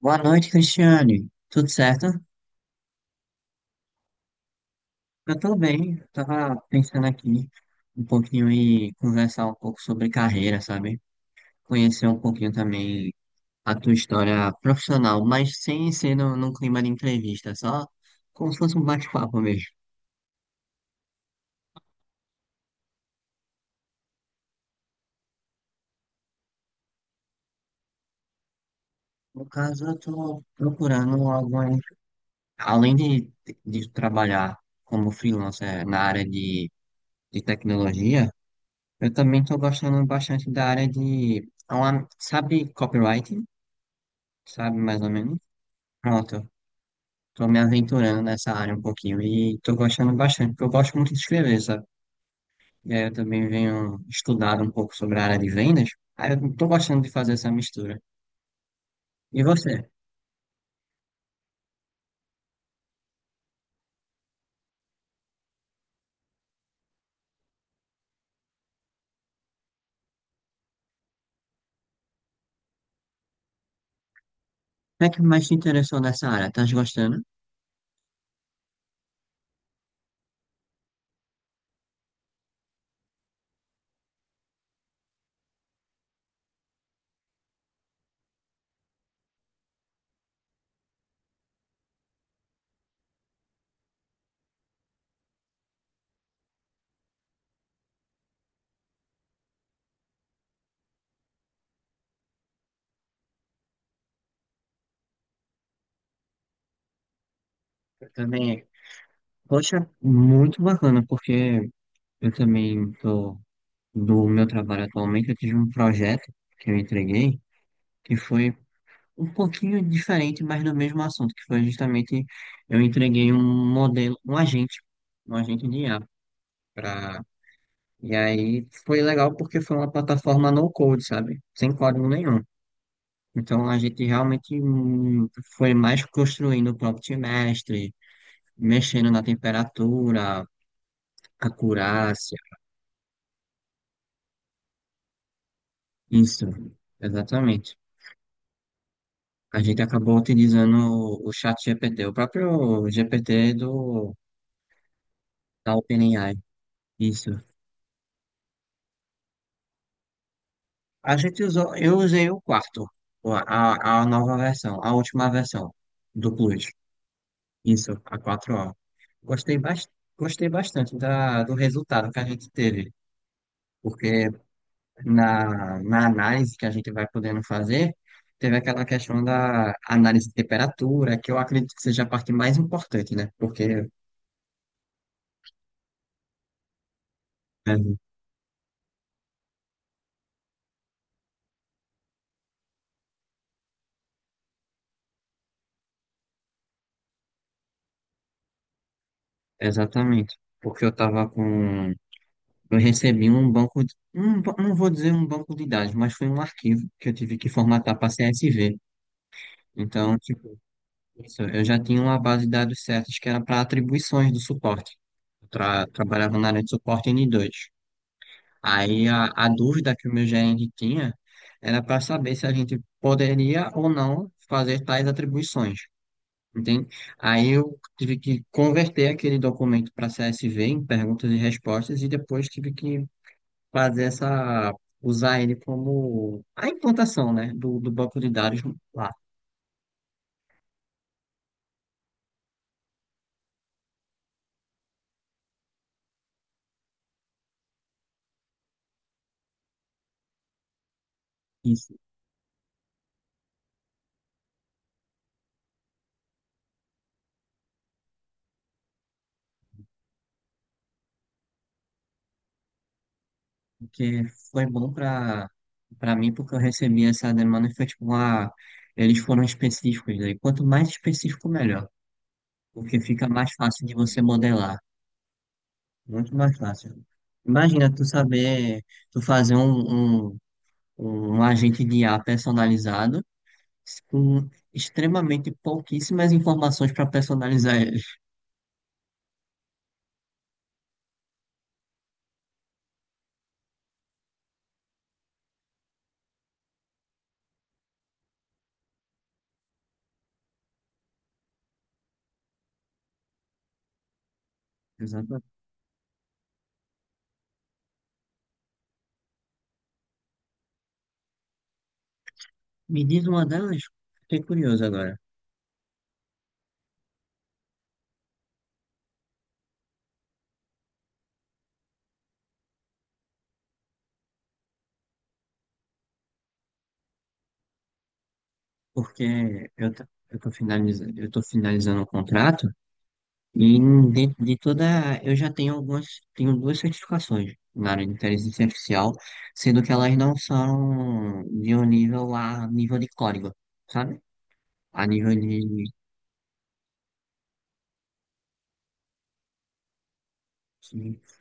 Boa noite, Cristiane. Tudo certo? Eu tô bem. Tava pensando aqui um pouquinho e conversar um pouco sobre carreira, sabe? Conhecer um pouquinho também a tua história profissional, mas sem ser no, num clima de entrevista, só como se fosse um bate-papo mesmo. No caso, eu tô procurando algumas, além de trabalhar como freelancer na área de tecnologia, eu também tô gostando bastante da área de, sabe, copyright? Sabe? Mais ou menos. Pronto, tô me aventurando nessa área um pouquinho e tô gostando bastante, porque eu gosto muito de escrever, sabe? E aí eu também venho estudado um pouco sobre a área de vendas, aí eu tô gostando de fazer essa mistura. E você? Como é que mais te interessou nessa área? Tá gostando? Eu também, poxa, muito bacana, porque eu também tô, do meu trabalho atualmente, eu tive um projeto que eu entreguei, que foi um pouquinho diferente, mas no mesmo assunto, que foi justamente eu entreguei um modelo, um agente de IA para e aí foi legal porque foi uma plataforma no code, sabe? Sem código nenhum. Então a gente realmente foi mais construindo o prompt mestre, mexendo na temperatura, acurácia, isso, exatamente. A gente acabou utilizando o chat GPT, o próprio GPT do da OpenAI. Isso, a gente usou, eu usei o quarto, a nova versão, a última versão do Plus. Isso, a quatro o. Gostei, bas- gostei bastante da, do resultado que a gente teve, porque na análise que a gente vai podendo fazer, teve aquela questão da análise de temperatura, que eu acredito que seja a parte mais importante, né? Porque, é, exatamente, porque eu estava com. Eu recebi um banco, de- um, ba- não vou dizer um banco de dados, mas foi um arquivo que eu tive que formatar para CSV. Então, tipo, isso, eu já tinha uma base de dados certas que era para atribuições do suporte. Trabalhava na área de suporte n dois. Aí a dúvida que o meu gerente tinha era para saber se a gente poderia ou não fazer tais atribuições. Entende? Aí eu tive que converter aquele documento para CSV em perguntas e respostas e depois tive que fazer essa, usar ele como a implantação, né, do banco de dados lá. Isso, porque foi bom para para mim, porque eu recebi essa demanda e foi tipo, ah, eles foram específicos, né? E quanto mais específico, melhor, porque fica mais fácil de você modelar, muito mais fácil. Imagina tu saber, tu fazer um agente de IA personalizado com extremamente pouquíssimas informações para personalizar ele. Exatamente. Me diz uma delas. Fiquei curioso agora, porque eu tô finalizando o contrato e dentro de toda, eu já tenho algumas, tenho duas certificações na área de inteligência artificial, sendo que elas não são de um nível a nível de código, sabe? A nível de, de-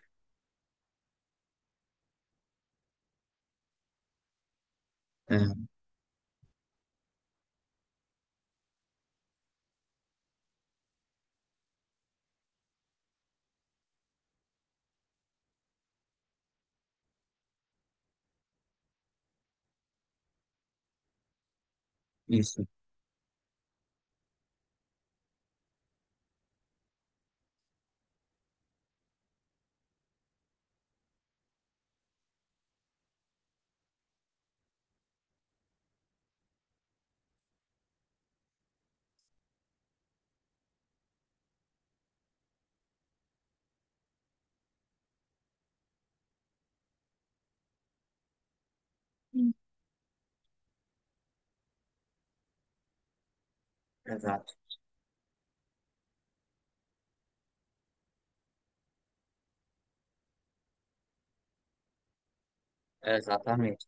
é, isso, exato, exatamente.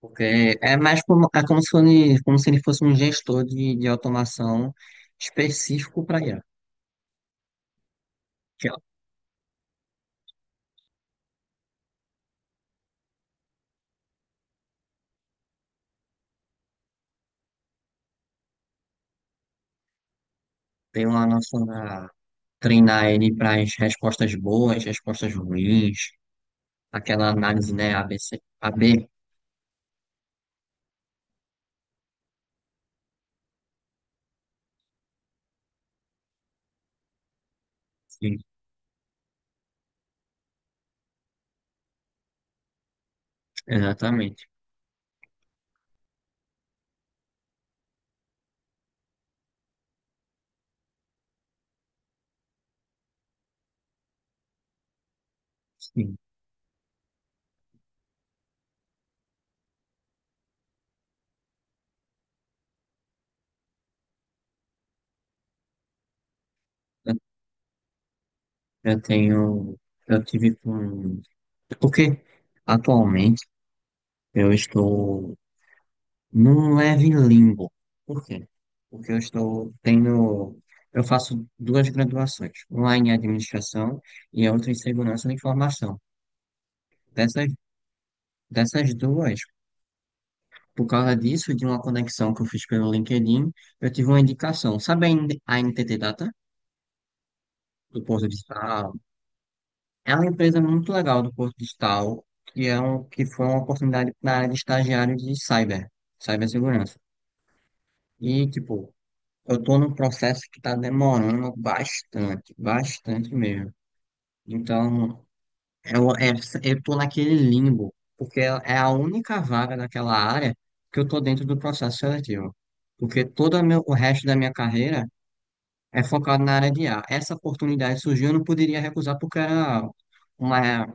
Porque é mais como, é como se fosse, como se ele fosse um gestor de automação específico para IA. Tem uma noção da treinar ele para as respostas boas, respostas ruins, aquela análise, né? A B, C, A B. Sim, exatamente. Sim. Eu eu tenho, eu tive com. Porque atualmente eu estou num leve limbo. Por quê? Porque eu estou, tenho, eu faço duas graduações, uma em administração e a outra em segurança da informação. Dessas, dessas duas, por causa disso, de uma conexão que eu fiz pelo LinkedIn, eu tive uma indicação. Sabe a NTT Data, do Porto de Tal? É uma empresa muito legal do Porto de Tal, que, é um, que foi uma oportunidade na área de estagiário de cyber, cibersegurança. E, tipo, eu tô num processo que tá demorando bastante, bastante mesmo. Então, eu, é, eu tô naquele limbo, porque é a única vaga daquela área que eu tô dentro do processo seletivo. Porque todo o resto da minha carreira é focado na área de A. Essa oportunidade surgiu, eu não poderia recusar porque era uma,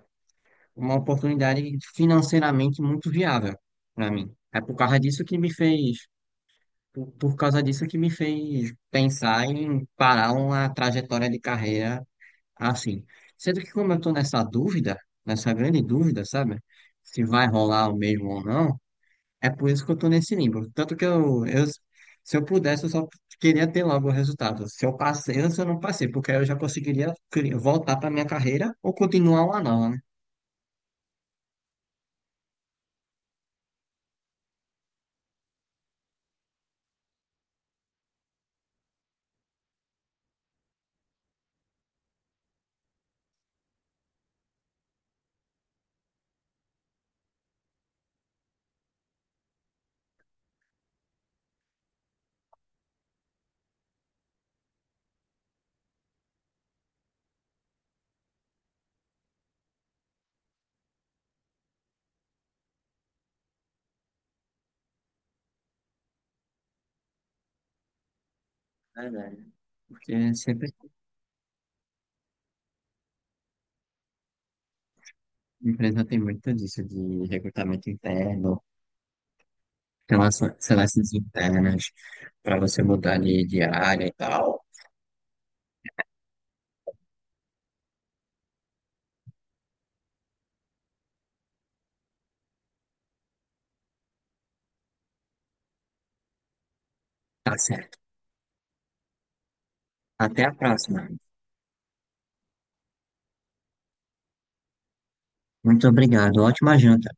uma oportunidade financeiramente muito viável para mim. É por causa disso que me fez, por causa disso que me fez pensar em parar uma trajetória de carreira assim. Sendo que como eu estou nessa dúvida, nessa grande dúvida, sabe? Se vai rolar o mesmo ou não, é por isso que eu tô nesse limbo. Tanto que se eu pudesse, eu só queria ter logo o resultado. Se eu passei ou se eu não passei, porque aí eu já conseguiria voltar para minha carreira ou continuar lá nova, né? Verdade. Porque sempre a empresa tem muito disso de recrutamento interno, seleções internas, para você mudar de área e tal. Tá certo. Até a próxima. Muito obrigado. Ótima janta.